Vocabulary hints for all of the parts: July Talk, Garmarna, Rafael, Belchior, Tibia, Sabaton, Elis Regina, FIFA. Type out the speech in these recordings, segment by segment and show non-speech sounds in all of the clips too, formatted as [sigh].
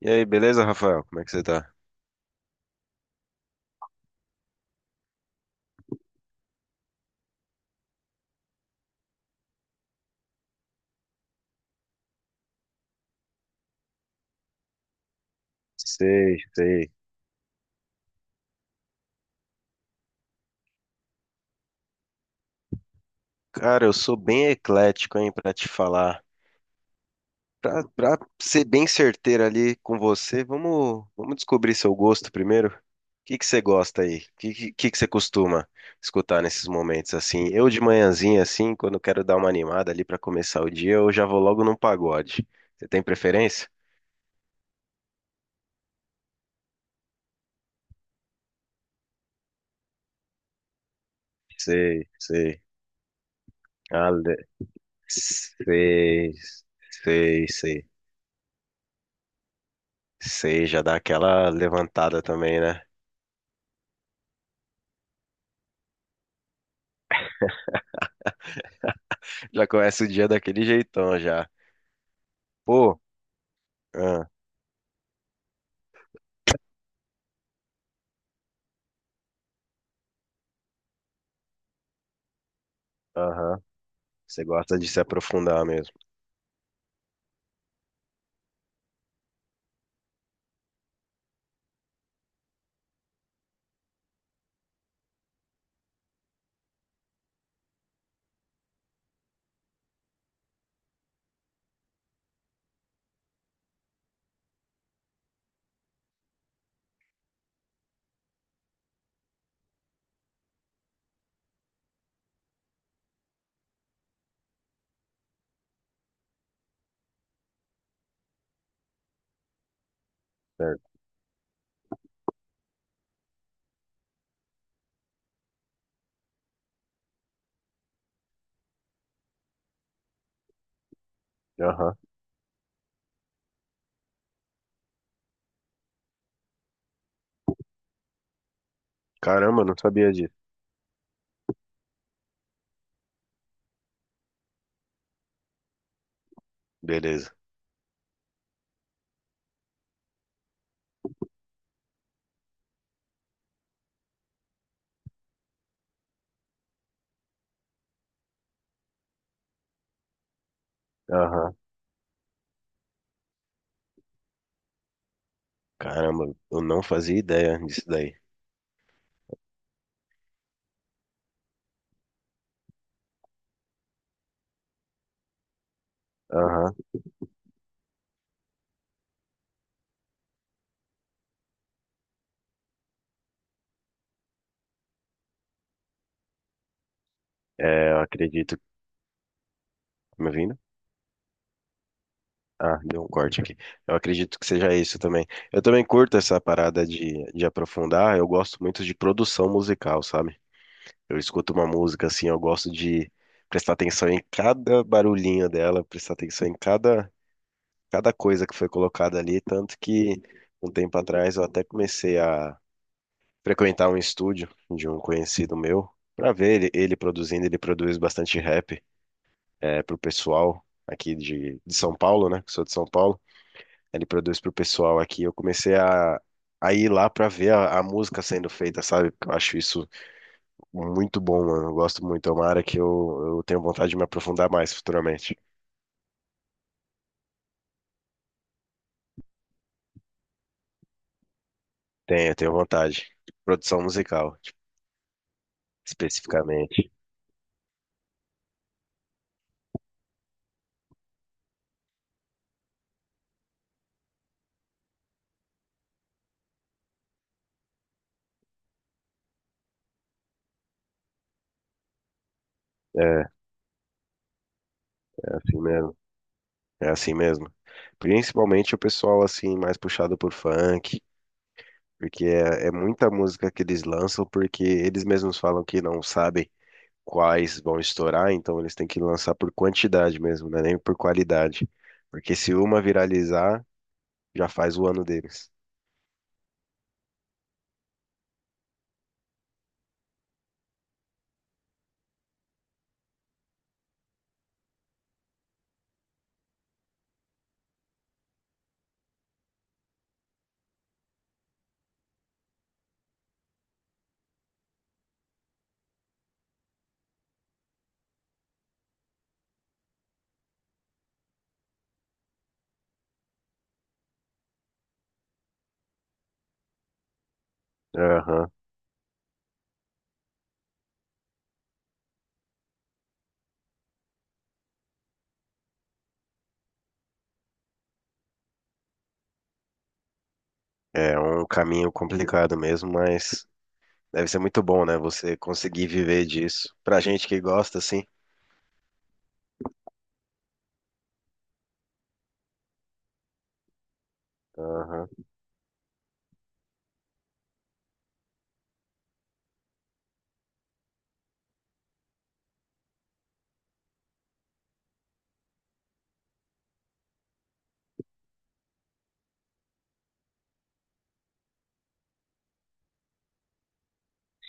E aí, beleza, Rafael? Como é que você tá? Sei, sei. Cara, eu sou bem eclético, hein, pra te falar. Pra ser bem certeiro ali com você, vamos descobrir seu gosto primeiro. O que que você gosta aí? O que que você costuma escutar nesses momentos assim? Eu de manhãzinha, assim, quando eu quero dar uma animada ali pra começar o dia, eu já vou logo num pagode. Você tem preferência? Sei, sei. Ale... Sei, sei, sei. Sei, já dá aquela levantada também, né? Já começa o dia daquele jeitão já. Pô, ah, aham. Você gosta de se aprofundar mesmo. Certo? Aham. Caramba, eu não sabia disso. Beleza. Aham. Caramba, eu não fazia ideia disso daí. Aham. É, eu acredito. Me ouvindo? Ah, deu um corte aqui. Eu acredito que seja isso também. Eu também curto essa parada de aprofundar. Eu gosto muito de produção musical, sabe? Eu escuto uma música assim, eu gosto de prestar atenção em cada barulhinho dela, prestar atenção em cada coisa que foi colocada ali, tanto que um tempo atrás eu até comecei a frequentar um estúdio de um conhecido meu para ver ele produzindo, ele produz bastante rap é, pro pessoal aqui de São Paulo, né? Que sou de São Paulo. Ele produz pro pessoal aqui. Eu comecei a ir lá para ver a música sendo feita, sabe? Porque eu acho isso muito bom, mano. Eu gosto muito. É uma área que eu tenho vontade de me aprofundar mais futuramente. Tenho, tenho vontade. Produção musical, tipo, especificamente. É, é assim mesmo. É assim mesmo. Principalmente o pessoal, assim, mais puxado por funk, porque é, é muita música que eles lançam, porque eles mesmos falam que não sabem quais vão estourar, então eles têm que lançar por quantidade mesmo, né? Nem por qualidade. Porque se uma viralizar, já faz o ano deles. Aham. É um caminho complicado mesmo, mas deve ser muito bom, né? Você conseguir viver disso. Pra gente que gosta, sim. Aham.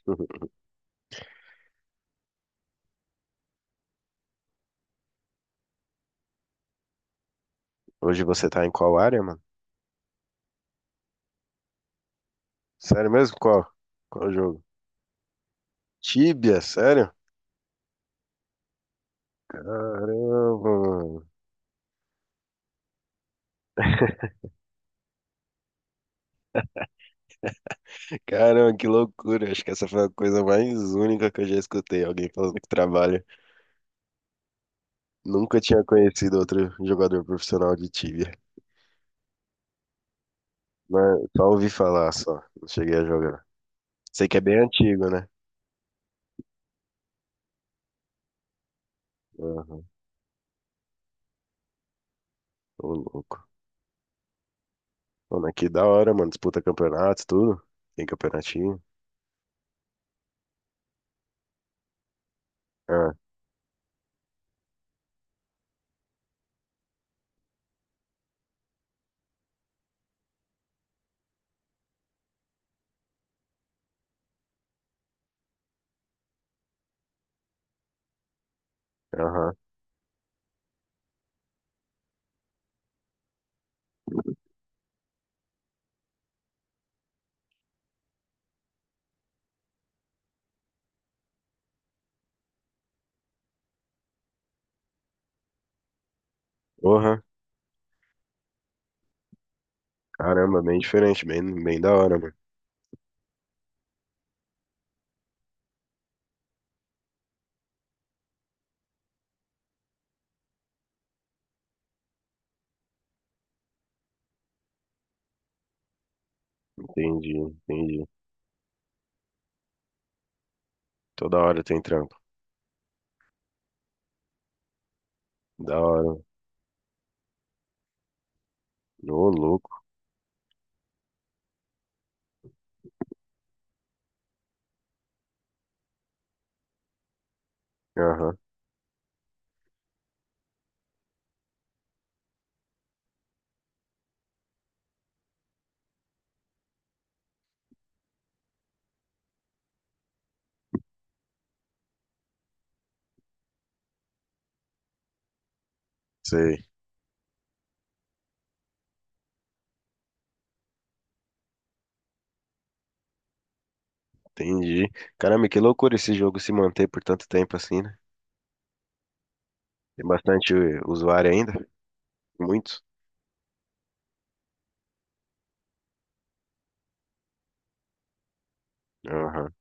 [laughs] Hoje você tá em qual área, mano? Sério mesmo? Qual? Qual jogo? Tibia, sério? Caramba, mano. [laughs] Caramba, que loucura. Acho que essa foi a coisa mais única que eu já escutei. Alguém falando que trabalha. Nunca tinha conhecido outro jogador profissional de Tibia. Mas só ouvi falar, só. Não cheguei a jogar. Sei que é bem antigo, né? Aham, ô, louco. Pô, mas que da hora, mano. Disputa campeonatos, tudo. Tem campeonatinho. Ah, aham. Porra. Caramba, bem diferente, bem, bem da hora, mano. Entendi, entendi. Toda hora tem trampo. Da hora. Ô, louco. Aham, sei. Entendi. Caramba, que loucura esse jogo se manter por tanto tempo assim, né? Tem bastante usuário ainda? Muitos? Aham.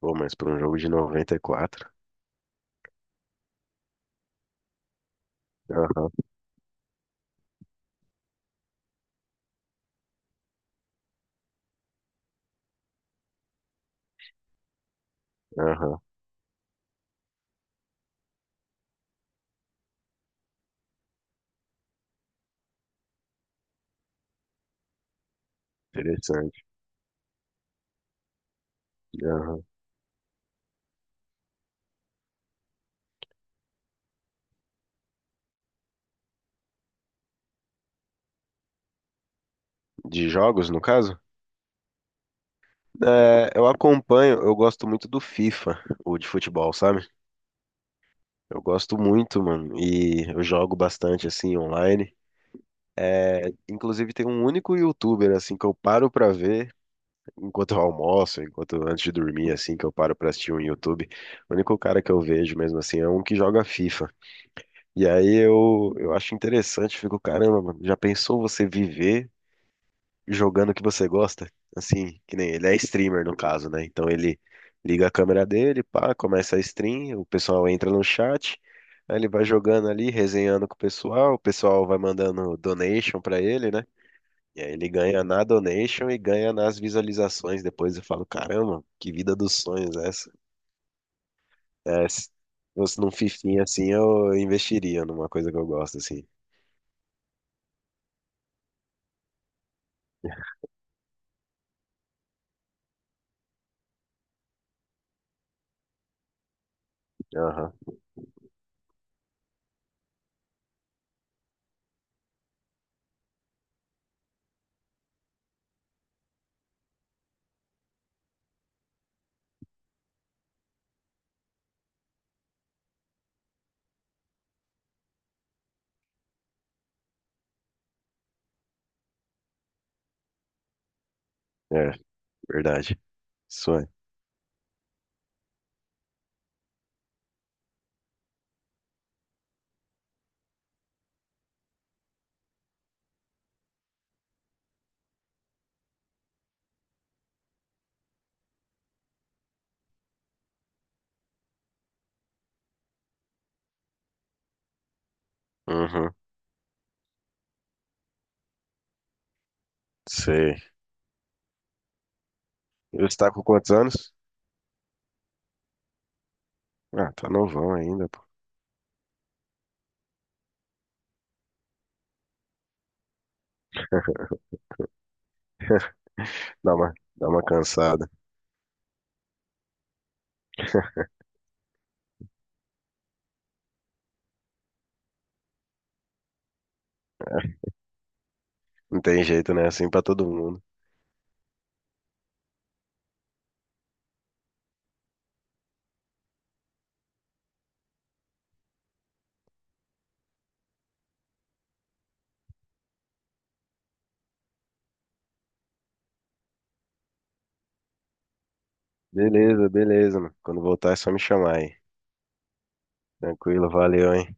Pô, mas para um jogo de 94. Aham, aham. Interessante. Aham. De jogos, no caso? É, eu acompanho, eu gosto muito do FIFA, o de futebol, sabe? Eu gosto muito, mano, e eu jogo bastante assim online. Inclusive tem um único YouTuber assim que eu paro pra ver enquanto eu almoço, enquanto antes de dormir assim, que eu paro pra assistir um YouTube. O único cara que eu vejo mesmo assim é um que joga FIFA. E aí eu acho interessante, fico, caramba, mano, já pensou você viver jogando o que você gosta, assim, que nem ele é streamer no caso, né? Então ele liga a câmera dele, pá, começa a stream, o pessoal entra no chat, aí ele vai jogando ali, resenhando com o pessoal vai mandando donation pra ele, né? E aí ele ganha na donation e ganha nas visualizações. Depois eu falo, caramba, que vida dos sonhos é essa. É, se fosse num fifinha assim, eu investiria numa coisa que eu gosto, assim. Aham, é, verdade. Sonho. Uhum, sei. Ele está com quantos anos? Ah, tá novão ainda, pô. [laughs] Dá uma cansada. Não tem jeito, né? Assim pra todo mundo. Beleza, beleza, mano. Quando voltar é só me chamar aí. Tranquilo, valeu, hein?